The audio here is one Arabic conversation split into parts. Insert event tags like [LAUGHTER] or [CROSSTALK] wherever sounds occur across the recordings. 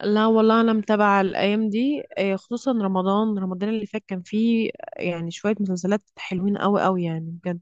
لا والله، انا متابعه الايام دي، خصوصا رمضان اللي فات كان فيه يعني شويه مسلسلات حلوين قوي قوي يعني بجد.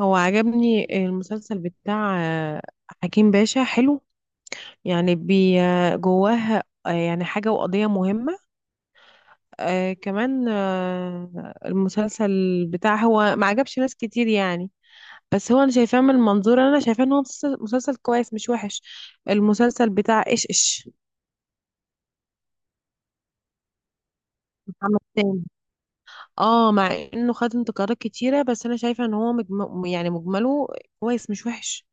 هو عجبني المسلسل بتاع حكيم باشا، حلو. يعني بي جواه يعني حاجه وقضيه مهمه. كمان المسلسل بتاع، هو ما عجبش ناس كتير يعني، بس هو انا شايفاه من منظور. انا شايفاه ان هو مسلسل كويس، مش وحش. المسلسل بتاع ايش ايش، محمد سامي. اه، مع انه خد انتقادات كتيرة، بس انا شايفة ان هو يعني مجمله كويس، مش وحش.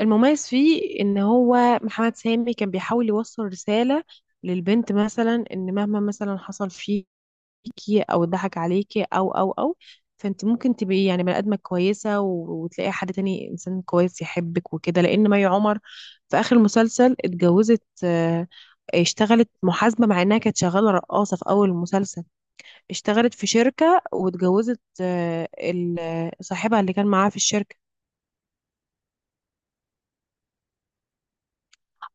المميز فيه ان هو محمد سامي كان بيحاول يوصل رسالة للبنت، مثلا ان مهما مثلا حصل فيكي او اتضحك عليكي او، فانت ممكن تبقي يعني بني ادمة كويسة وتلاقي حد تاني، انسان كويس يحبك وكده. لان مي عمر في اخر المسلسل اتجوزت، آه، اشتغلت محاسبة، مع انها كانت شغالة رقاصة في اول المسلسل. اشتغلت في شركة واتجوزت صاحبها اللي كان معاها في الشركة.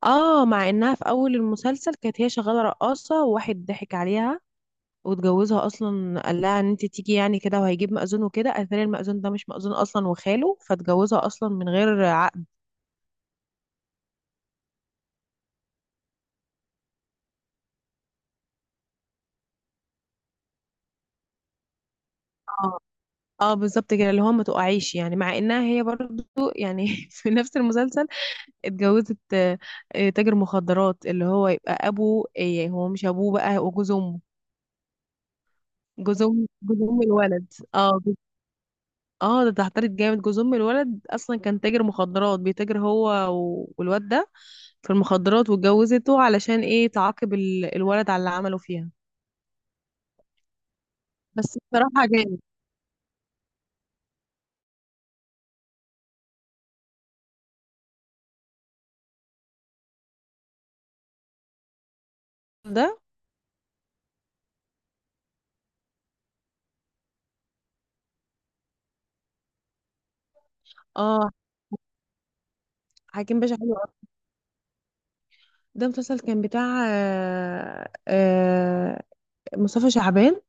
اه، مع انها في اول المسلسل كانت هي شغالة رقاصة وواحد ضحك عليها واتجوزها اصلا، قال لها ان انت تيجي يعني كده وهيجيب مأذون وكده، قالت لي المأذون ده مش مأذون اصلا وخاله، فاتجوزها اصلا من غير عقد. اه اه، بالظبط كده، اللي هو ما تقعيش يعني، مع انها هي برضو يعني [LAUGHS] في نفس المسلسل اتجوزت تاجر مخدرات، اللي هو يبقى ابوه، إيه، هو مش ابوه، بقى هو جوز امه. جوز أم الولد، اه اه، ده اتهترت جامد. جوز أم الولد أصلا كان تاجر مخدرات، بيتاجر هو والواد ده في المخدرات، واتجوزته علشان ايه؟ تعاقب الولد على اللي عمله فيها. بس بصراحة جامد. ده اه، حكيم باشا حلو أوي. ده مسلسل كان بتاع مصطفى شعبان.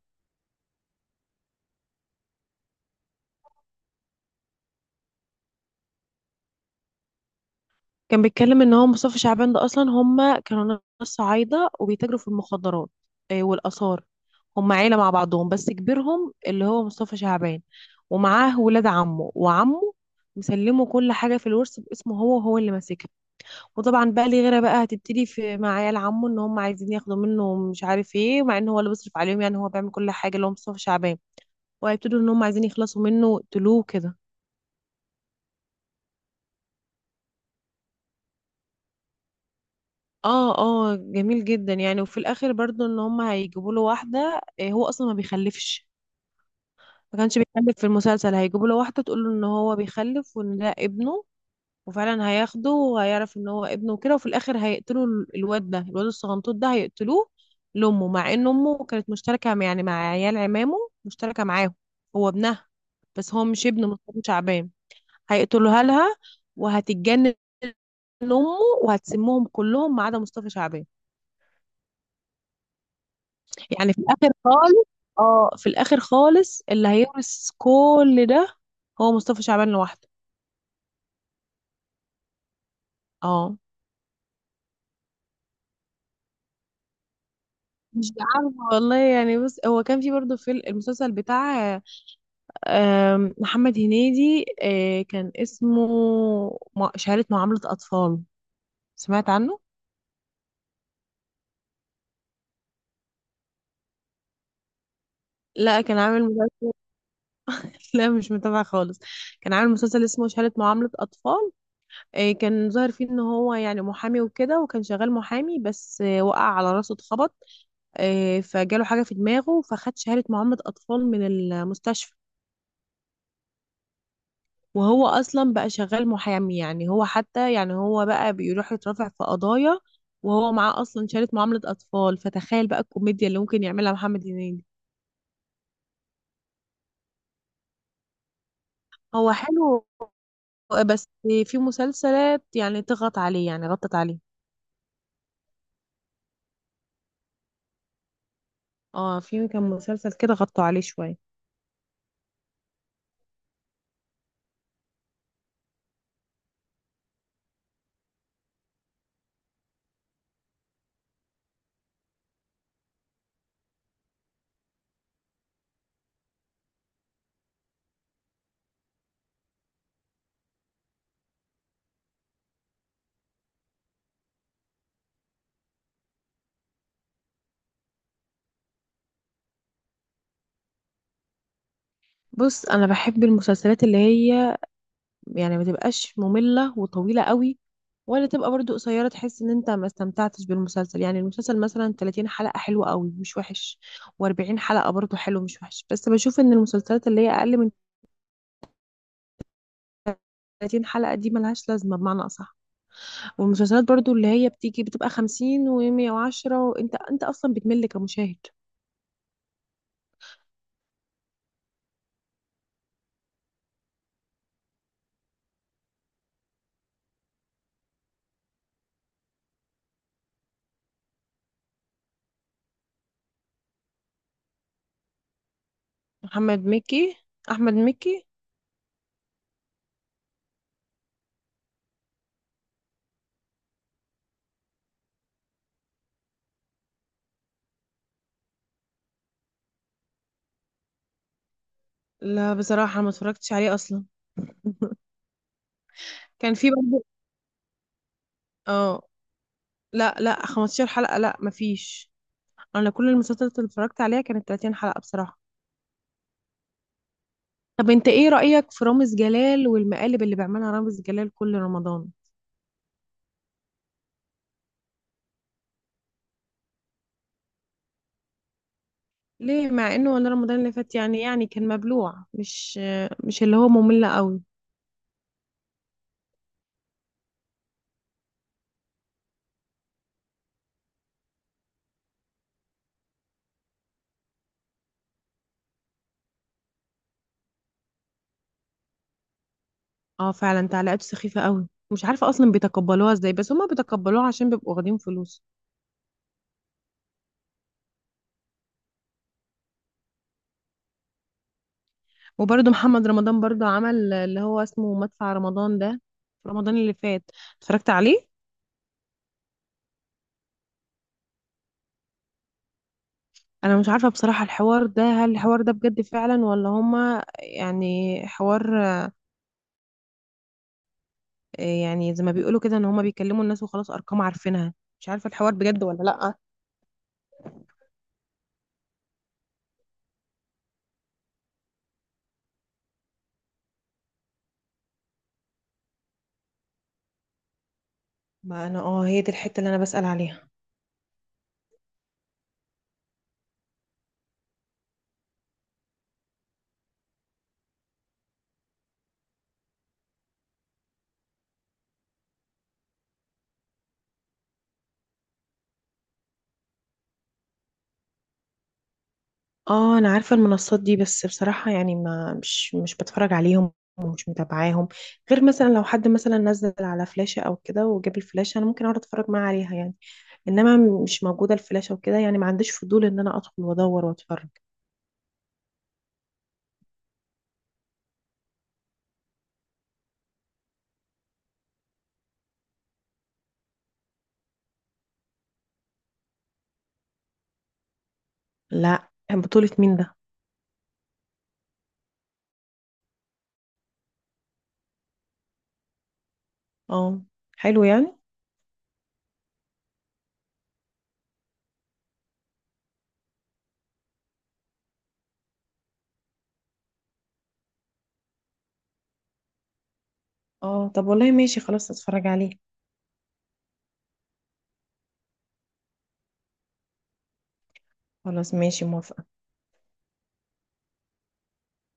كان بيتكلم ان هو مصطفى شعبان، ده اصلا هم كانوا ناس صعايده، وبيتاجروا في المخدرات والاثار. هم عيله مع بعضهم، بس كبيرهم اللي هو مصطفى شعبان، ومعاه ولاد عمه وعمه. مسلمه كل حاجه في الورث باسمه هو، وهو اللي ماسكها. وطبعا بقى ليه غيره، بقى هتبتدي في مع عيال عمه ان هم عايزين ياخدوا منه مش عارف ايه، مع ان هو اللي بيصرف عليهم، يعني هو بيعمل كل حاجه اللي هو مصطفى شعبان. وهيبتدوا ان هم عايزين يخلصوا منه تلوه كده. اه اه، جميل جدا يعني. وفي الاخر برضو ان هم هيجيبوا له واحده، هو اصلا ما بيخلفش، ما كانش بيخلف في المسلسل. هيجيبوا له واحده تقول له ان هو بيخلف وان ده ابنه، وفعلا هياخده وهيعرف ان هو ابنه وكده. وفي الاخر هيقتلوا الواد ده، الواد الصغنطوط ده هيقتلوه لامه، مع ان امه كانت مشتركه يعني مع عيال عمامه، مشتركه معاهم، هو ابنها، بس هو مش ابنه مصطفى شعبان. هيقتلوها لها وهتتجنن امه، وهتسمهم كلهم ما عدا مصطفى شعبان. يعني في الاخر خالص، اه، في الاخر خالص اللي هيورث كل ده هو مصطفى شعبان لوحده. اه، مش عارفه والله يعني. بص، هو كان في برضه في المسلسل بتاع محمد هنيدي، كان اسمه شهادة معاملة أطفال. سمعت عنه؟ لا، كان عامل مسلسل. [LAUGHS] لا، مش متابعة خالص. كان عامل مسلسل اسمه شهادة معاملة أطفال. كان ظاهر فيه إن هو يعني محامي وكده، وكان شغال محامي، بس وقع على راسه اتخبط، فجاله حاجة في دماغه، فخد شهادة معاملة أطفال من المستشفى. وهو أصلا بقى شغال محامي، يعني هو حتى يعني هو بقى بيروح يترافع في قضايا وهو معاه أصلا شهادة معاملة أطفال، فتخيل بقى الكوميديا اللي ممكن يعملها محمد هنيدي. هو حلو، بس في مسلسلات يعني تغط عليه، يعني غطت عليه. اه، في كان مسلسل كده غطوا عليه شوية. بص، أنا بحب المسلسلات اللي هي يعني ما تبقاش مملة وطويلة قوي، ولا تبقى برضو قصيرة تحس ان انت ما استمتعتش بالمسلسل. يعني المسلسل مثلا 30 حلقة حلوة قوي، مش وحش، و40 حلقة برضو حلو مش وحش. بس بشوف ان المسلسلات اللي هي اقل من 30 حلقة دي ملهاش لازمة بمعنى اصح. والمسلسلات برضو اللي هي بتيجي بتبقى 50 و110، وانت انت اصلا بتمل كمشاهد. محمد مكي، احمد مكي. لا، بصراحة ما اتفرجتش عليه اصلا. كان في برضو اه، لا لا، 15 حلقة، لا مفيش. انا كل المسلسلات اللي اتفرجت عليها كانت 30 حلقة بصراحة. طب انت ايه رأيك في رامز جلال والمقالب اللي بيعملها رامز جلال كل رمضان؟ ليه؟ مع انه ولا رمضان اللي فات يعني، كان مبلوع، مش اللي هو ممل قوي. اه، فعلا تعليقاته سخيفة قوي، مش عارفة اصلا بيتقبلوها ازاي، بس هما بيتقبلوها عشان بيبقوا واخدين فلوس. وبرده محمد رمضان برده عمل اللي هو اسمه مدفع رمضان ده، في رمضان اللي فات اتفرجت عليه. انا مش عارفة بصراحة الحوار ده، هل الحوار ده بجد فعلا ولا هما يعني حوار يعني زي ما بيقولوا كده ان هما بيكلموا الناس وخلاص، ارقام عارفينها. مش عارفه الحوار بجد ولا لا. ما انا اه، هي دي الحته اللي انا بسأل عليها. اه، انا عارفه المنصات دي، بس بصراحه يعني ما مش بتفرج عليهم ومش متابعاهم، غير مثلا لو حد مثلا نزل على فلاشه او كده وجاب الفلاشه، انا ممكن اقعد اتفرج معاه عليها يعني. انما مش موجوده الفلاشه وكده، يعني ما عنديش فضول ان انا ادخل وادور واتفرج. لا، بطوله مين ده؟ اه، حلو يعني. اه، طب والله ماشي، خلاص اتفرج عليه. خلاص ماشي، موافقه.